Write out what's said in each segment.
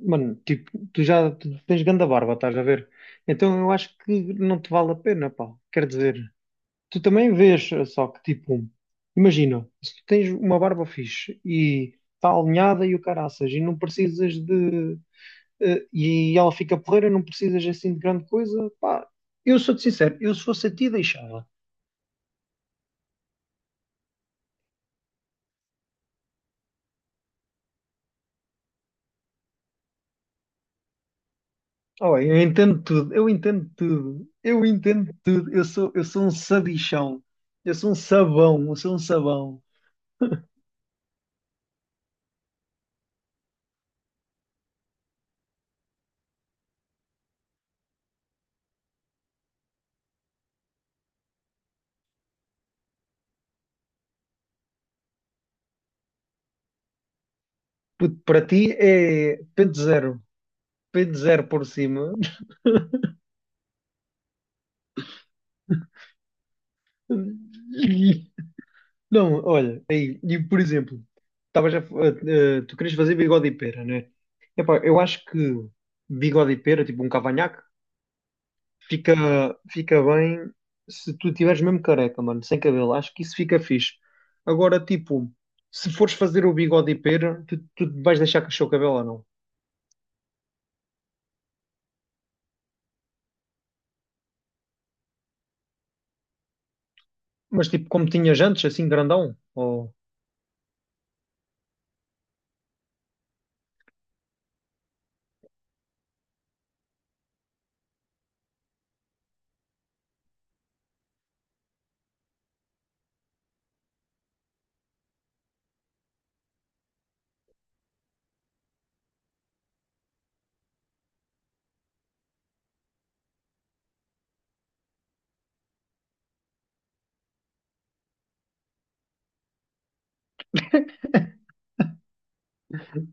Mano, tipo, tu tens ganda barba, estás a ver? Então eu acho que não te vale a pena, pá. Quer dizer, tu também vês, só que tipo, imagina, se tu tens uma barba fixe e está alinhada e o caraças e não precisas de, e ela fica porreira, não precisas assim de grande coisa, pá. Eu sou-te sincero, eu se fosse a ti deixava. Oh, eu entendo tudo, eu entendo tudo, eu entendo tudo. Eu sou um sabichão, eu sou um sabão. Puto, para ti é pente zero por cima. Não, olha, aí, e por exemplo, estavas tu querias fazer bigode e pera, né? Epá, eu acho que bigode e pera, tipo um cavanhaque, fica, fica bem se tu tiveres mesmo careca, mano, sem cabelo. Acho que isso fica fixe. Agora, tipo, se fores fazer o bigode e pera, tu vais deixar crescer o cabelo ou não? Mas tipo, como tinhas antes, assim grandão?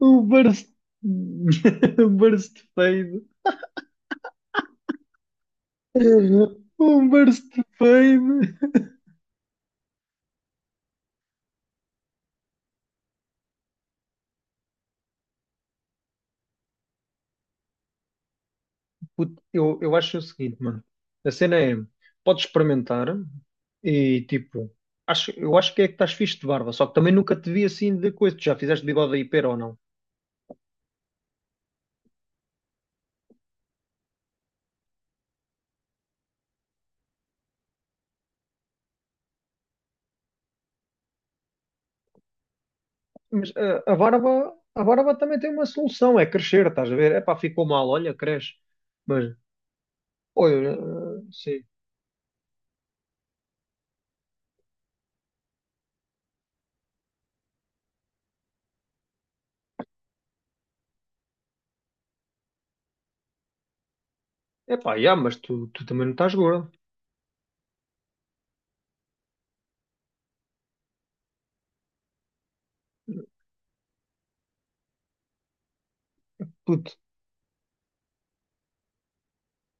Um burst. Um burst fade. Um burst fade. Puto, eu acho o seguinte, mano. A cena é: podes experimentar e tipo. Eu acho que é que estás fixe de barba, só que também nunca te vi assim de coisa. Tu já fizeste bigode aí, pera ou não? Mas a barba também tem uma solução, é crescer, estás a ver? É pá, ficou mal, olha, cresce. Mas pô, eu, sim. Epá, yeah, mas tu, tu também não estás gordo. Puto,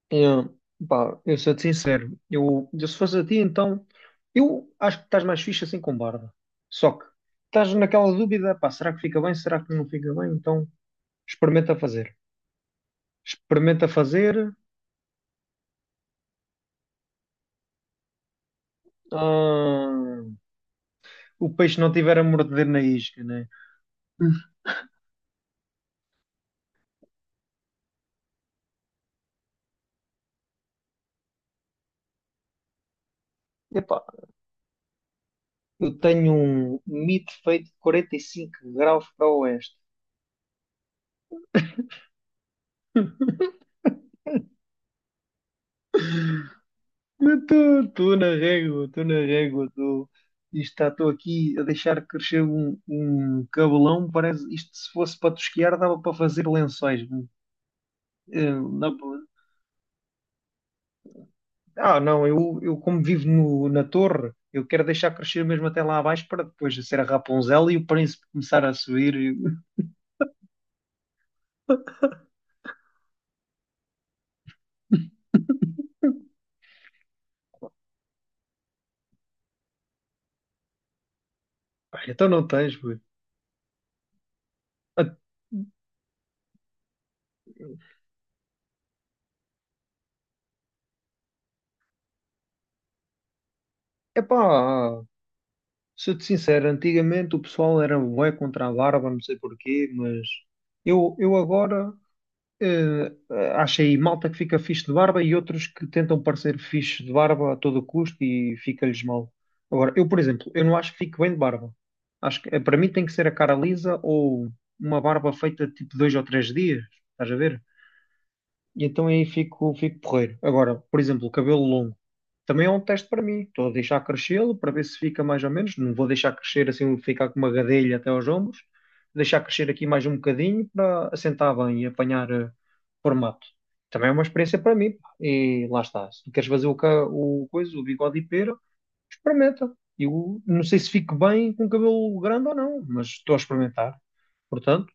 eu, pá, eu sou-te sincero. Eu se fosse a ti, então, eu acho que estás mais fixe assim com barba. Só que estás naquela dúvida, pá, será que fica bem? Será que não fica bem? Então, experimenta fazer. Experimenta fazer. ah, o peixe não tiver a morder na isca, né? Hum. Epá, eu tenho um mito feito de 45 graus para o oeste. Estou na régua, estou na régua, estou. Isto estou aqui a deixar crescer um cabelão. Parece isto se fosse para tosquiar, dava para fazer lençóis. Eh, não- não, eu como vivo no- na torre, eu quero deixar crescer mesmo até lá abaixo para depois ser a Rapunzel e o príncipe começar a subir. Pá, então não tens, pô. Ah, Epá, sou-te sincero, antigamente o pessoal era bué contra a barba, não sei porquê, mas eu agora. Eh, Acho aí malta que fica fixe de barba e outros que tentam parecer fixe de barba a todo custo e fica-lhes mal. Agora, eu, por exemplo, eu não acho que fique bem de barba. Acho que para mim tem que ser a cara lisa ou uma barba feita tipo 2 ou 3 dias, estás a ver? E então aí fico, fico porreiro. Agora, por exemplo, o cabelo longo também é um teste para mim. Estou a deixar crescê-lo para ver se fica mais ou menos. Não vou deixar crescer assim, ficar com uma gadelha até aos ombros. Vou deixar crescer aqui mais um bocadinho para assentar bem e apanhar formato. Também é uma experiência para mim, pá. E lá está. Se tu queres fazer o, ca- o coisa, o bigode e pera, experimenta. Eu não sei se fico bem com cabelo grande ou não, mas estou a experimentar. Portanto,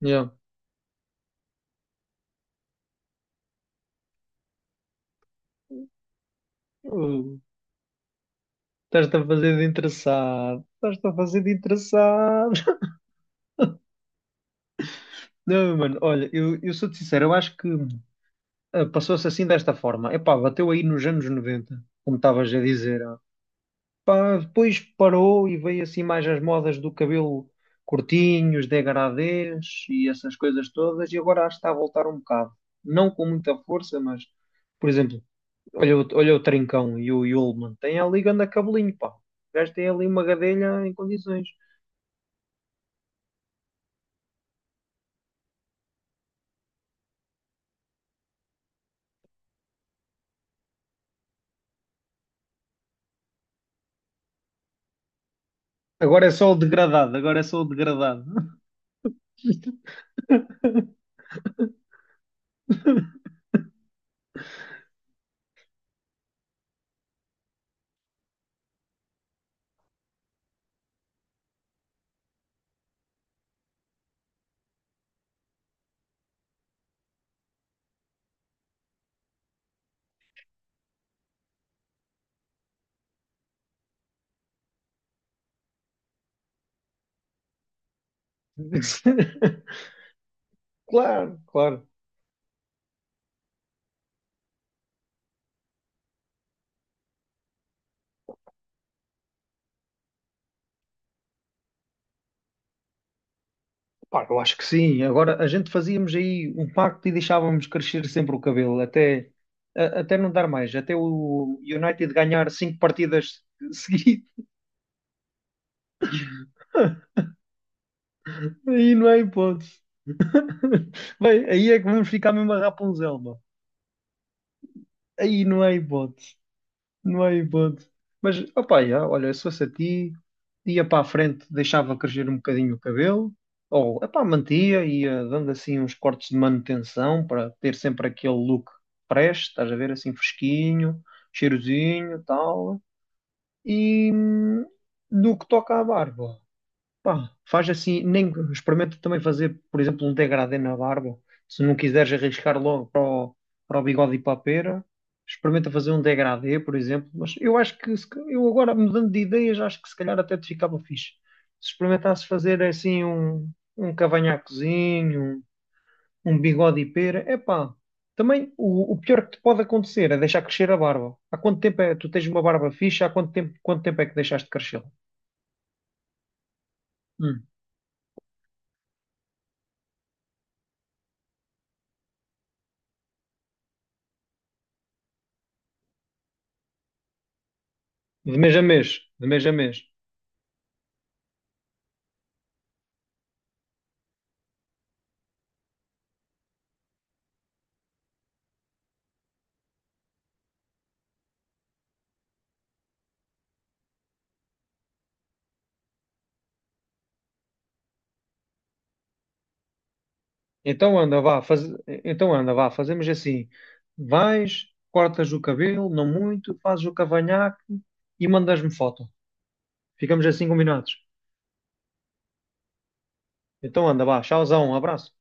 yeah. Estás-te a fazer de interessado. Estás-te a fazer de interessado. Não, mano, olha, eu sou-te sincero, eu acho que passou-se assim desta forma. Epá, bateu aí nos anos 90, como estavas a dizer. Ah. Pá, depois parou e veio assim mais as modas do cabelo curtinho, os degradês e essas coisas todas, e agora acho que está a voltar um bocado. Não com muita força, mas, por exemplo, olha o Trincão e o Yulman, tem ali ganda cabelinho, pá. O gajo tem ali uma gadelha em condições. Agora é só o degradado, agora é só o degradado. Claro, claro. Pá, eu acho que sim. Agora a gente fazíamos aí um pacto e deixávamos crescer sempre o cabelo, até não dar mais, até o United ganhar 5 partidas seguidas. Aí não é hipótese. Bem, aí é que vamos ficar mesmo a Rapunzel, mano. Aí não é hipótese. Não há hipótese. Mas, opá, já, olha, se fosse a ti, ia para a frente, deixava crescer um bocadinho o cabelo, ou, epá, mantia, ia dando assim uns cortes de manutenção para ter sempre aquele look fresh, estás a ver, assim fresquinho, cheirosinho, tal. E no que toca à barba, pá, faz assim, nem experimenta também fazer, por exemplo, um degradê na barba, se não quiseres arriscar logo para o bigode e para a pera. Experimenta fazer um degradê, por exemplo. Mas eu acho que, se ca- eu agora mudando de ideias, acho que se calhar até te ficava fixe. Se experimentasse fazer assim um cavanhaquezinho, um bigode e pera, epá. Também o pior que te pode acontecer é deixar crescer a barba. Há quanto tempo é, tu tens uma barba fixa? Há quanto tempo é que deixaste de crescê-la? Hum. De mês a mês, de mês a mês. Então anda, vá, faz... então anda, vá, fazemos assim. Vais, cortas o cabelo, não muito, fazes o cavanhaque e mandas-me foto. Ficamos assim combinados. Então anda, vá, tchauzão, um abraço.